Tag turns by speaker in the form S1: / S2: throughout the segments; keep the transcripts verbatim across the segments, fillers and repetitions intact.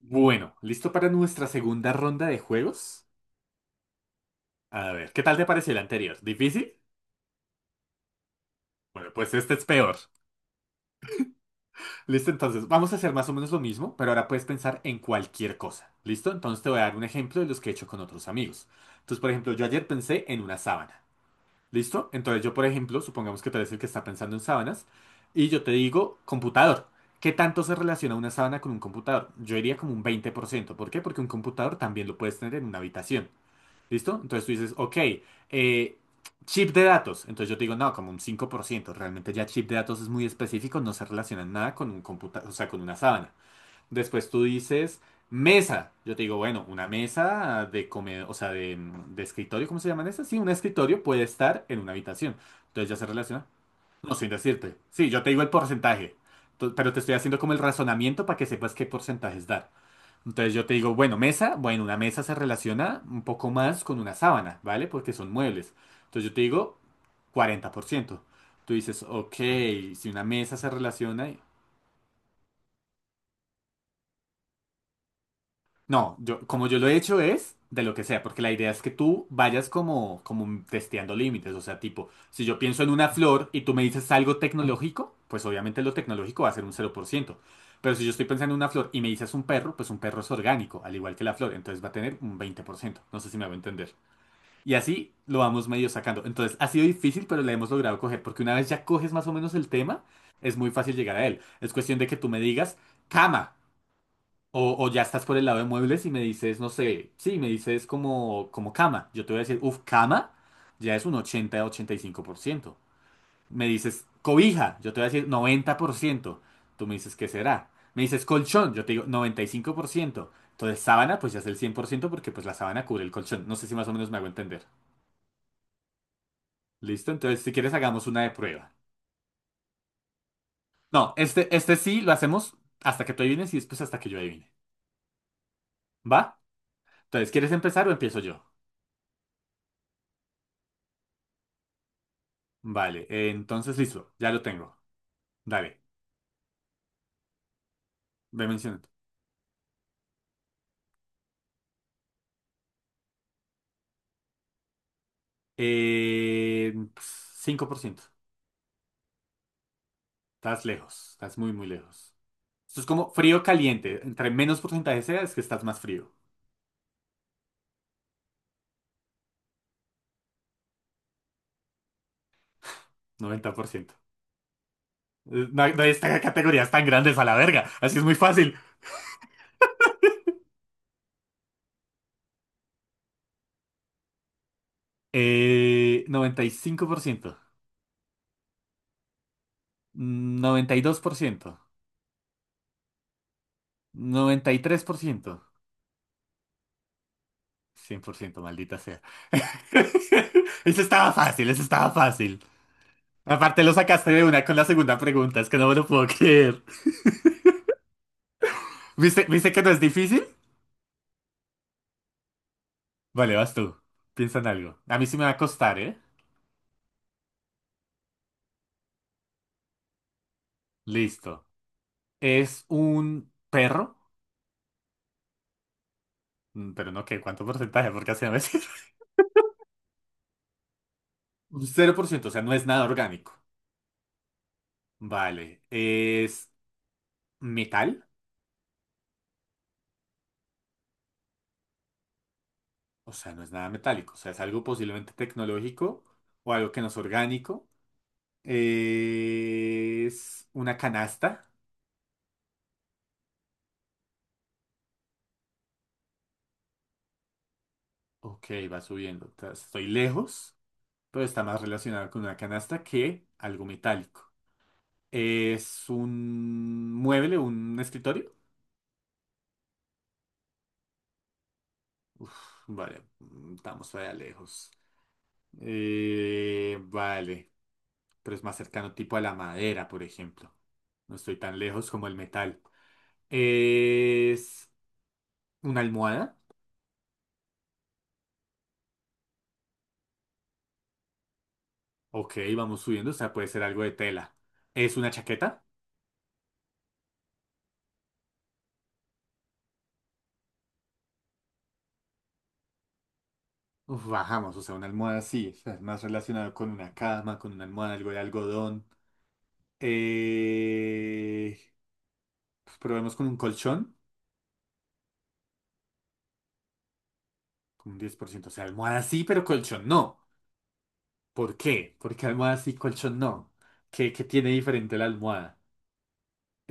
S1: Bueno, ¿listo para nuestra segunda ronda de juegos? A ver, ¿qué tal te pareció el anterior? ¿Difícil? Bueno, pues este es peor. Listo, entonces vamos a hacer más o menos lo mismo, pero ahora puedes pensar en cualquier cosa. ¿Listo? Entonces te voy a dar un ejemplo de los que he hecho con otros amigos. Entonces, por ejemplo, yo ayer pensé en una sábana. ¿Listo? Entonces yo, por ejemplo, supongamos que tú eres el que está pensando en sábanas, y yo te digo computador. ¿Qué tanto se relaciona una sábana con un computador? Yo diría como un veinte por ciento. ¿Por qué? Porque un computador también lo puedes tener en una habitación. ¿Listo? Entonces tú dices, ok, eh, chip de datos. Entonces yo te digo, no, como un cinco por ciento. Realmente ya chip de datos es muy específico, no se relaciona en nada con un computador, o sea, con una sábana. Después tú dices, mesa. Yo te digo, bueno, una mesa de comedor, o sea, de, de escritorio, ¿cómo se llaman esas? Sí, un escritorio puede estar en una habitación. Entonces ya se relaciona. No, sin decirte. Sí, yo te digo el porcentaje. Tu- Pero te estoy haciendo como el razonamiento para que sepas qué porcentajes dar. Entonces yo te digo, bueno, mesa, bueno, una mesa se relaciona un poco más con una sábana, ¿vale? Porque son muebles. Entonces yo te digo cuarenta por ciento. Tú dices, ok, si una mesa se relaciona... No, yo, como yo lo he hecho es de lo que sea, porque la idea es que tú vayas como, como testeando límites. O sea, tipo, si yo pienso en una flor y tú me dices algo tecnológico, pues obviamente lo tecnológico va a ser un cero por ciento. Pero si yo estoy pensando en una flor y me dices un perro, pues un perro es orgánico, al igual que la flor, entonces va a tener un veinte por ciento. No sé si me va a entender. Y así lo vamos medio sacando. Entonces, ha sido difícil, pero la hemos logrado coger, porque una vez ya coges más o menos el tema, es muy fácil llegar a él. Es cuestión de que tú me digas, cama, o, o ya estás por el lado de muebles y me dices, no sé, sí, me dices como, como cama. Yo te voy a decir, uff, cama, ya es un ochenta ochenta y cinco por ciento. Me dices, cobija, yo te voy a decir noventa por ciento. Tú me dices, ¿qué será? Me dices, colchón, yo te digo noventa y cinco por ciento. Entonces, sábana, pues ya es el cien por ciento porque pues la sábana cubre el colchón. No sé si más o menos me hago entender. Listo, entonces si quieres hagamos una de prueba. No, este, este sí lo hacemos hasta que tú adivines y después hasta que yo adivine. ¿Va? Entonces, ¿quieres empezar o empiezo yo? Vale, eh, entonces listo, ya lo tengo. Dale, ve mencionando. Eh, cinco por ciento. Estás lejos, estás muy, muy lejos. Esto es como frío caliente. Entre menos porcentaje sea, es que estás más frío. noventa por ciento. Eh, No hay, no hay esta- categorías tan grandes a la verga. Así es muy fácil. Eh, noventa y cinco por ciento. Mm, noventa y dos por ciento. noventa y tres por ciento. cien por ciento, maldita sea. Eso estaba fácil, eso estaba fácil. Aparte lo sacaste de una con la segunda pregunta, es que no me lo puedo creer. ¿Viste, viste que no es difícil? Vale, vas tú. Piensa en algo. A mí sí me va a costar, ¿eh? Listo. Es un perro. Mm, pero no, ¿qué? ¿Cuánto porcentaje? Porque así no me sirve. Cero por ciento, o sea, no es nada orgánico. Vale. ¿Es metal? O sea, no es nada metálico. O sea, es algo posiblemente tecnológico o algo que no es orgánico. Es una canasta. Ok, va subiendo. Ta- Estoy lejos, pero está más relacionado con una canasta que algo metálico. Es un mueble, un escritorio. Vale, mm, estamos todavía lejos. Eh, vale, pero es más cercano tipo a la madera, por ejemplo. No estoy tan lejos como el metal. Es una almohada. Ok, vamos subiendo. O sea, puede ser algo de tela. Es una chaqueta. Uf, bajamos, o sea, una almohada sí, o sea, es más relacionado con una cama, con una almohada, algo de algodón. Eh, pues probemos con un colchón, con un diez por ciento. O sea, almohada sí, pero colchón no. ¿Por qué? Porque almohada sí, colchón no. ¿Qué, qué tiene diferente la almohada?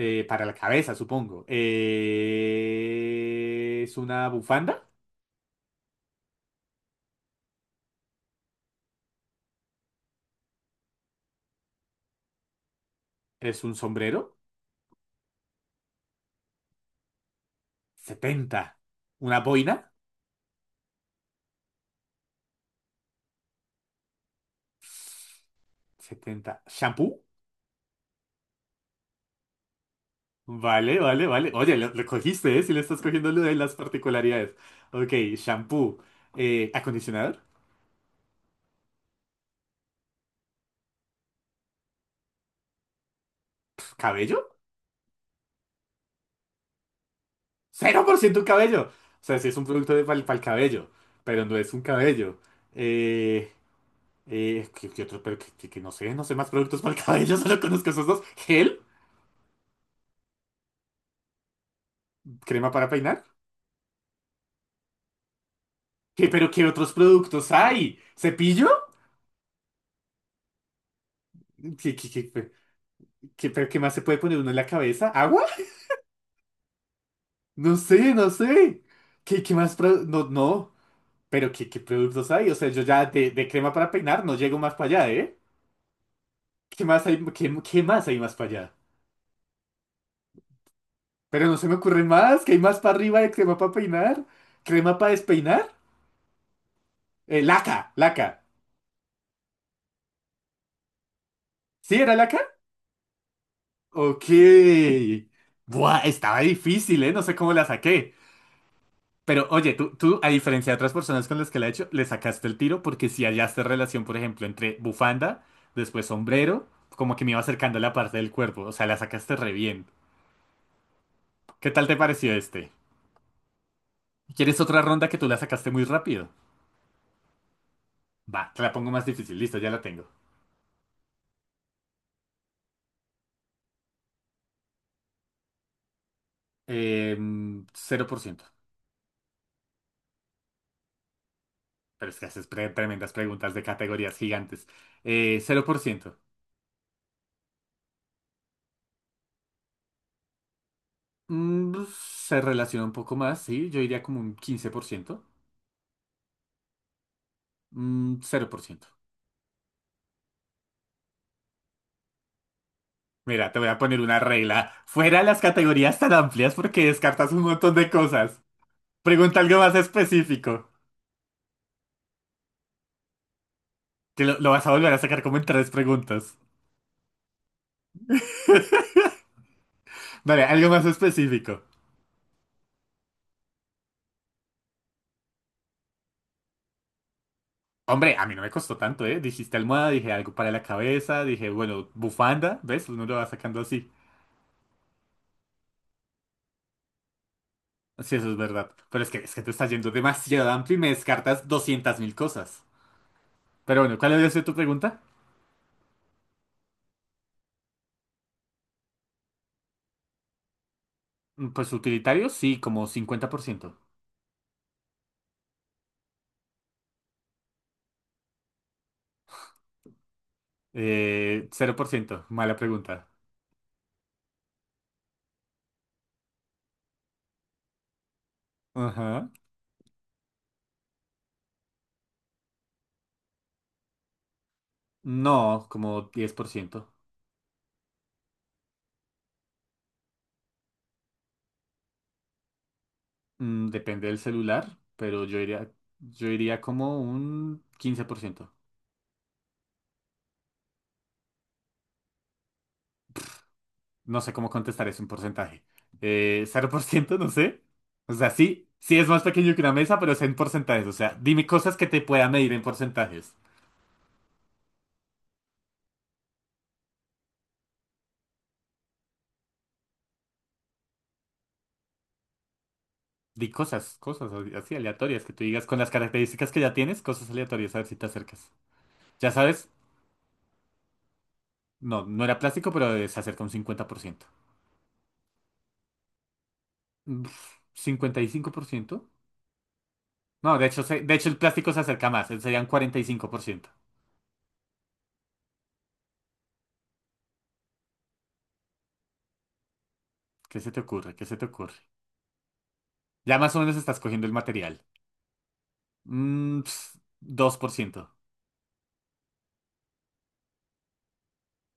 S1: Eh, para la cabeza, supongo. Eh, ¿es una bufanda? ¿Es un sombrero? Setenta. ¿Una boina? Setenta. ¿Shampoo? Vale, vale, vale. Oye, lo, lo cogiste, ¿eh? Si le estás cogiendo lo de las particularidades. Ok, shampoo. Eh, ¿acondicionador? Pf, ¿cabello? ¡Cero por ciento cabello! O sea, sí es un producto de, para el cabello, pero no es un cabello. Eh, eh, ¿qué, qué otro? Pero que, que- que no sé, no sé más productos para el cabello. Solo conozco esos dos. ¿Gel? ¿Crema para peinar? ¿Qué, pero qué otros productos hay? ¿Cepillo? ¿Qué, qué, qué, qué- qué- pero qué más se puede poner uno en la cabeza? ¿Agua? No sé, no sé. ¿Qué, qué más? pro- No, no. Pero ¿qué, qué productos hay? O sea, yo ya de, de crema para peinar no llego más para allá, ¿eh? ¿Qué más hay, qué, qué más hay más para allá? Pero no se me ocurre más. ¿Qué hay más para arriba de crema para peinar? ¿Crema para despeinar? Eh, laca, laca. ¿Sí era laca? Ok. Buah, estaba difícil, ¿eh? No sé cómo la saqué. Pero oye, tú, tú, a diferencia de otras personas con las que la he hecho, le sacaste el tiro porque si hallaste relación, por ejemplo, entre bufanda, después sombrero, como que me iba acercando a la parte del cuerpo. O sea, la sacaste re bien. ¿Qué tal te pareció este? ¿Quieres otra ronda que tú la sacaste muy rápido? Va, te la pongo más difícil. Listo, ya la tengo. Em, cero por ciento. Pero es que haces pre- tremendas preguntas de categorías gigantes. Eh, cero por ciento. Mm, se relaciona un poco más, sí. Yo diría como un quince por ciento. Mm, cero por ciento. Mira, te voy a poner una regla. Fuera las categorías tan amplias porque descartas un montón de cosas. Pregunta algo más específico. Que lo, lo vas a volver a sacar como en tres preguntas. Vale, algo más específico. Hombre, a mí no me costó tanto, ¿eh? Dijiste almohada, dije algo para la cabeza, dije, bueno, bufanda, ¿ves? Uno lo va sacando así. Sí, eso es verdad. Pero es que, es que te estás yendo demasiado amplio y me descartas doscientas mil cosas. Pero bueno, ¿cuál había sido tu pregunta? Mm, Pues utilitario, sí, como cincuenta por ciento. Eh, cero por ciento, mala pregunta. Ajá. No, como diez por ciento. Mm, depende del celular, pero yo iría, yo iría como un quince por ciento. No sé cómo contestar es un porcentaje. Eh, ¿cero por ciento? No sé. O sea, sí, sí es más pequeño que una mesa, pero es en porcentajes. O sea, dime cosas que te pueda medir en porcentajes. Di cosas, cosas así aleatorias que tú digas con las características que ya tienes, cosas aleatorias, a ver si te acercas. Ya sabes, no, no era plástico, pero se acerca un cincuenta por ciento. Uf, ¿cincuenta y cinco por ciento? No, de hecho, se- de hecho el plástico se acerca más, eh, serían cuarenta y cinco por ciento. ¿Qué se te ocurre? ¿Qué se te ocurre? Ya más o menos estás cogiendo el material. Mm, ps, dos por ciento.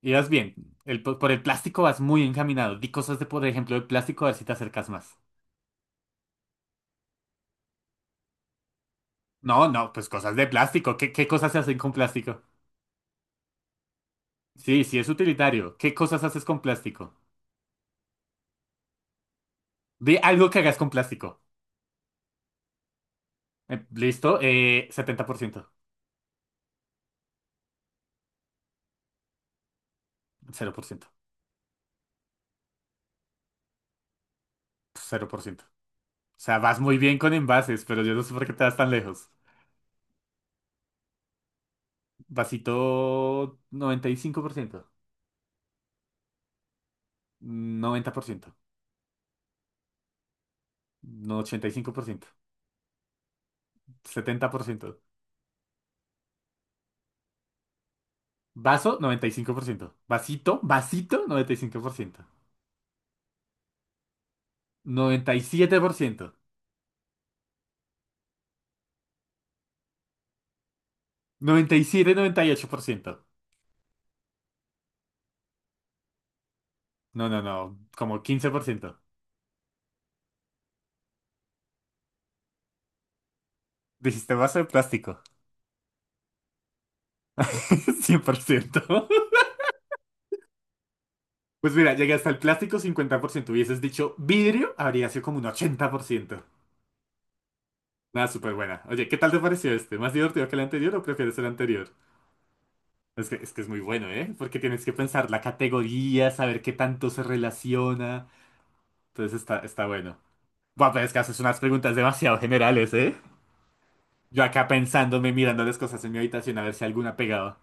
S1: Irás bien. El, por el plástico vas muy encaminado. Di cosas de, por ejemplo, de plástico, a ver si te acercas más. No, no, pues cosas de plástico. ¿Qué, qué cosas se hacen con plástico? Sí, sí, es utilitario. ¿Qué cosas haces con plástico? Di algo que hagas con plástico. Eh, listo, eh, setenta por ciento. Cero por ciento. Cero por ciento. O sea, vas muy bien con envases, pero yo no sé por qué te vas tan lejos. Vasito, noventa noventa y cinco por ciento. Noventa por ciento. No, ochenta y cinco por ciento. Setenta por ciento. Vaso, noventa y cinco por ciento. Vasito, vasito, noventa noventa noventa noventa y y y cinco por ciento. Noventa y siete por ciento, ciento siete siete, noventa y ocho por ciento. No, no, no, como quince por ciento. Dijiste vaso de plástico. Cien por ciento. Pues mira, llegué hasta el plástico cincuenta por ciento. Hubieses dicho vidrio, habría sido como un ochenta por ciento. Nada, súper buena. Oye, ¿qué tal te pareció este? ¿Más divertido que el anterior o prefieres el anterior? Es que, es que es muy bueno, ¿eh? Porque tienes que pensar la categoría, saber qué tanto se relaciona. Entonces está, está bueno. Guau, pero es que haces unas preguntas demasiado generales, ¿eh? Yo acá pensándome, mirando las cosas en mi habitación a ver si alguna pegaba.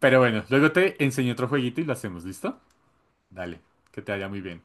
S1: Pero bueno, luego te enseño otro jueguito y lo hacemos, ¿listo? Dale, que te vaya muy bien.